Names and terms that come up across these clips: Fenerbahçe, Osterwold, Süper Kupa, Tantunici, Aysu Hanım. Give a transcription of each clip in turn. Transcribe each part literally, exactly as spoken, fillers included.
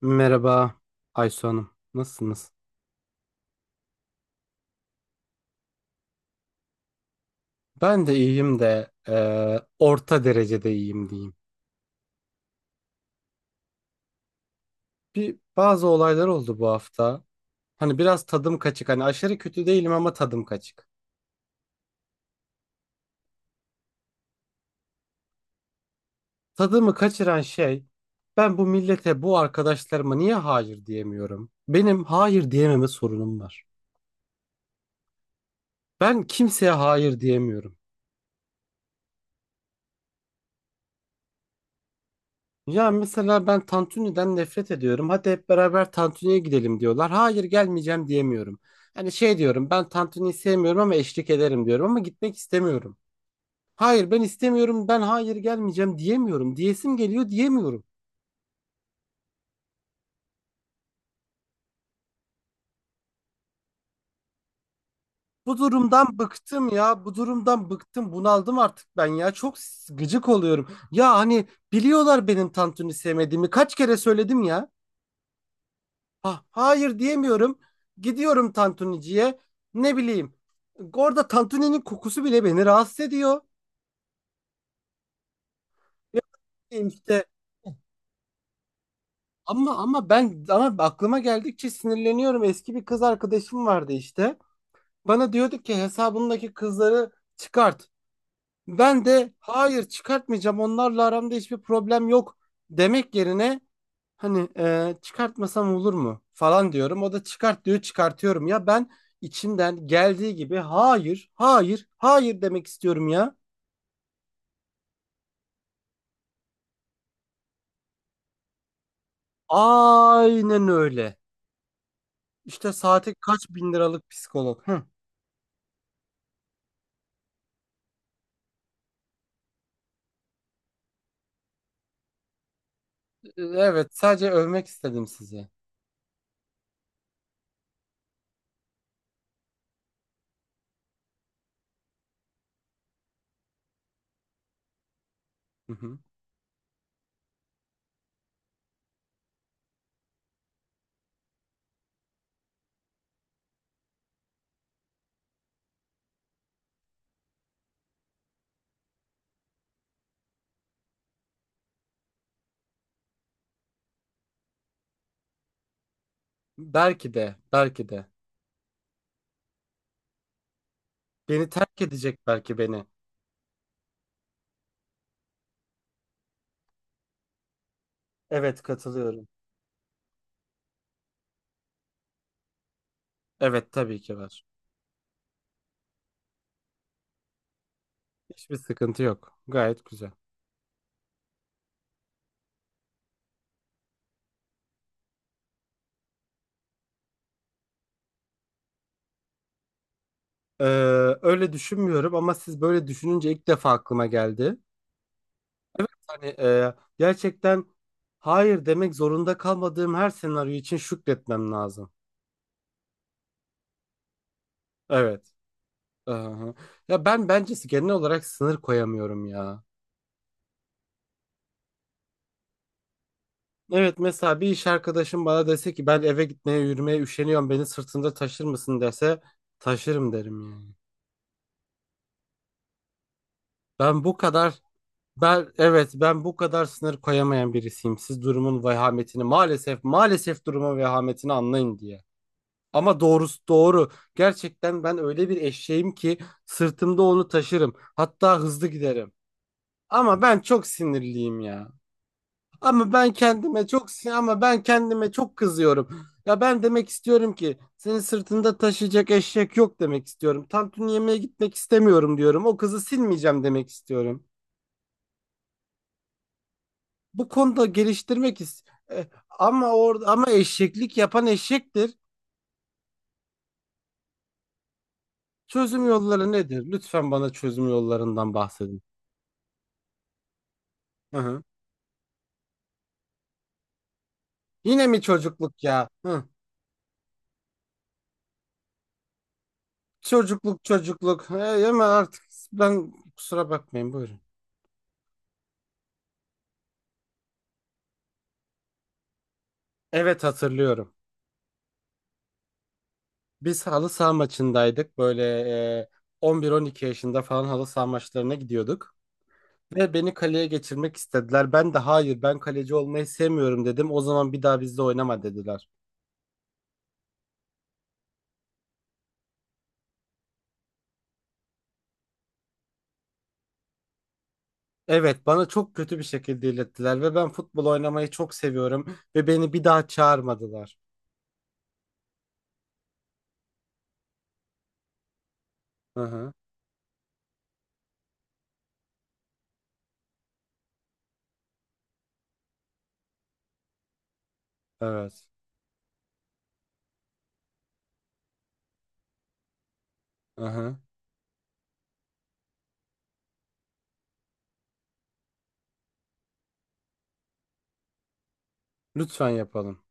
Merhaba Aysu Hanım. Nasılsınız? Ben de iyiyim de eee, orta derecede iyiyim diyeyim. Bir bazı olaylar oldu bu hafta. Hani biraz tadım kaçık. Hani aşırı kötü değilim ama tadım kaçık. Tadımı kaçıran şey, ben bu millete, bu arkadaşlarıma niye hayır diyemiyorum? Benim hayır diyememe sorunum var. Ben kimseye hayır diyemiyorum. Ya mesela ben Tantuni'den nefret ediyorum. Hadi hep beraber Tantuni'ye gidelim diyorlar. Hayır gelmeyeceğim diyemiyorum. Hani şey diyorum, ben Tantuni'yi sevmiyorum ama eşlik ederim diyorum, ama gitmek istemiyorum. Hayır ben istemiyorum, ben hayır gelmeyeceğim diyemiyorum. Diyesim geliyor, diyemiyorum. Bu durumdan bıktım ya. Bu durumdan bıktım. Bunaldım artık ben ya. Çok s- gıcık oluyorum. Ya hani biliyorlar benim Tantuni sevmediğimi. Kaç kere söyledim ya. Ha, hayır diyemiyorum. Gidiyorum Tantunici'ye. Ne bileyim. Orada Tantuni'nin kokusu bile beni rahatsız ediyor. Ne bileyim işte. Ama ama ben ama aklıma geldikçe sinirleniyorum. Eski bir kız arkadaşım vardı işte. Bana diyordu ki hesabındaki kızları çıkart. Ben de hayır çıkartmayacağım, onlarla aramda hiçbir problem yok demek yerine, hani e, çıkartmasam olur mu falan diyorum. O da çıkart diyor, çıkartıyorum. Ya ben içimden geldiği gibi hayır, hayır, hayır demek istiyorum ya. Aynen öyle. İşte saate kaç bin liralık psikolog. Hı. Evet, sadece övmek istedim sizi. Hı hı. Belki de, belki de. Beni terk edecek belki beni. Evet, katılıyorum. Evet, tabii ki var. Hiçbir sıkıntı yok. Gayet güzel. Ee, Öyle düşünmüyorum ama siz böyle düşününce ilk defa aklıma geldi. Evet, hani e, gerçekten hayır demek zorunda kalmadığım her senaryo için şükretmem lazım. Evet. Aha. Ya ben bence genel olarak sınır koyamıyorum ya. Evet, mesela bir iş arkadaşım bana dese ki ben eve gitmeye yürümeye üşeniyorum, beni sırtında taşır mısın dese, taşırım derim yani. Ben bu kadar ben evet ben bu kadar sınır koyamayan birisiyim. Siz durumun vehametini, maalesef maalesef durumun vehametini anlayın diye. Ama doğrusu doğru. Gerçekten ben öyle bir eşeğim ki sırtımda onu taşırım. Hatta hızlı giderim. Ama ben çok sinirliyim ya. Ama ben kendime çok sin- ama ben kendime çok kızıyorum. Ya ben demek istiyorum ki senin sırtında taşıyacak eşek yok demek istiyorum. Tantuni yemeye gitmek istemiyorum diyorum. O kızı silmeyeceğim demek istiyorum. Bu konuda geliştirmek ist E, ama orada ama eşeklik yapan eşektir. Çözüm yolları nedir? Lütfen bana çözüm yollarından bahsedin. Hı hı. Yine mi çocukluk ya? Hı. Çocukluk çocukluk. Hey, ama artık ben, kusura bakmayın, buyurun. Evet, hatırlıyorum. Biz halı saha maçındaydık. Böyle e, on bir on iki yaşında falan halı saha maçlarına gidiyorduk. Ve beni kaleye geçirmek istediler. Ben de hayır, ben kaleci olmayı sevmiyorum dedim. O zaman bir daha bizle oynama dediler. Evet, bana çok kötü bir şekilde ilettiler ve ben futbol oynamayı çok seviyorum ve beni bir daha çağırmadılar. Hı hı. Evet. Hı hı. Lütfen yapalım.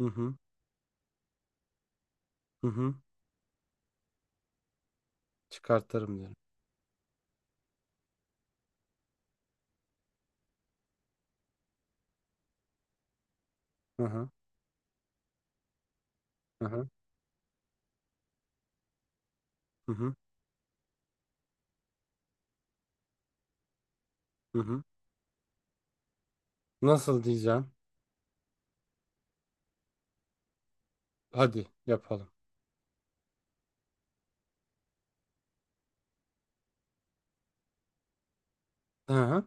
Hı hı. Hı hı. Çıkartırım diyorum. Hı hı. Hı hı. Hı hı. Hı hı. Nasıl diyeceğim? Hadi yapalım. Hı hı.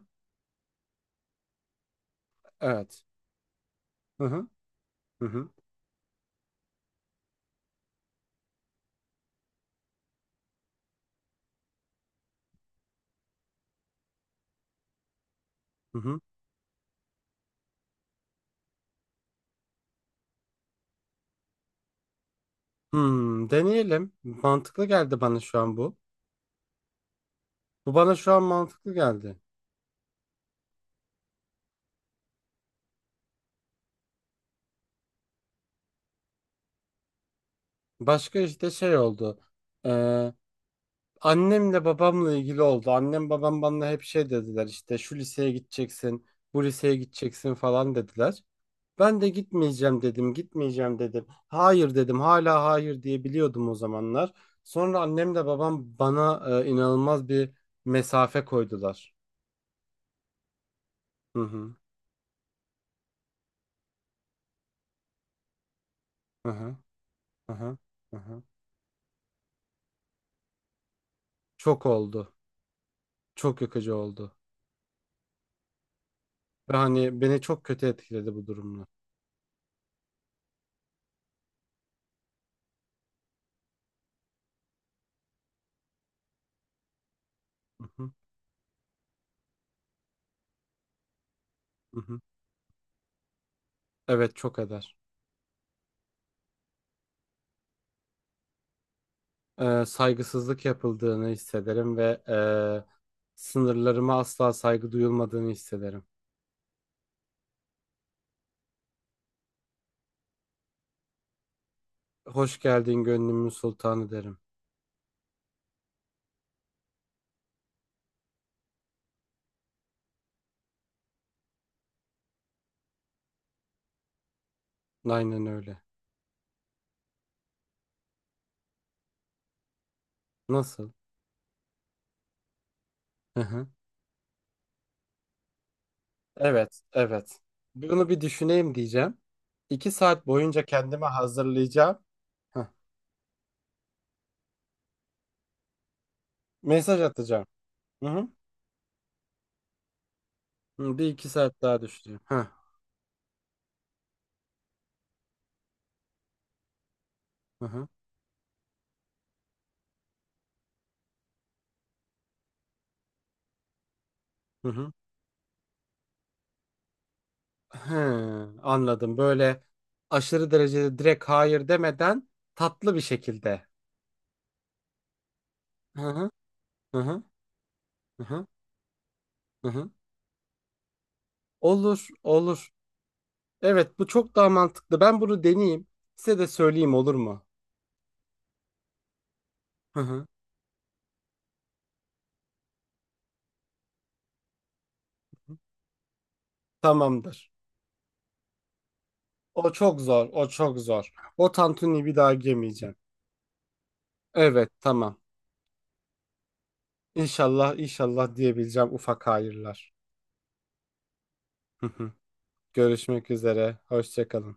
Evet. Hı hı. Hı hı. Hı hı. Hmm, deneyelim. Mantıklı geldi bana şu an bu. Bu bana şu an mantıklı geldi. Başka işte şey oldu. Ee, Annemle babamla ilgili oldu. Annem babam bana hep şey dediler, işte şu liseye gideceksin, bu liseye gideceksin falan dediler. Ben de gitmeyeceğim dedim, gitmeyeceğim dedim. Hayır dedim, hala hayır diyebiliyordum o zamanlar. Sonra annem de babam bana e, inanılmaz bir mesafe koydular. Hı hı, hı hı, hı hı, hı hı. Çok oldu, çok yıkıcı oldu. Ve hani beni çok kötü etkiledi bu durumlar. Hı hı, hı hı. Evet, çok eder. E, saygısızlık yapıldığını hissederim ve e, sınırlarıma asla saygı duyulmadığını hissederim. Hoş geldin gönlümün sultanı derim. Aynen öyle. Nasıl? Hı hı. Evet, evet. Bu- Bunu bir düşüneyim diyeceğim. İki saat boyunca kendime hazırlayacağım. Heh. Mesaj atacağım. Hı hı. Hı, bir iki saat daha düşüneceğim. Heh. Hı hı. Hı hı. Hı, anladım. Böyle aşırı derecede direkt hayır demeden, tatlı bir şekilde. Hı hı. Hı hı. Hı hı. Hı hı. Olur, olur. Evet, bu çok daha mantıklı. Ben bunu deneyeyim. Size de söyleyeyim, olur mu? Hı hı. Tamamdır. O çok zor. O çok zor. O tantuni bir daha yemeyeceğim. Evet, tamam. İnşallah, inşallah diyebileceğim ufak hayırlar. Hı hı. Görüşmek üzere. Hoşça kalın.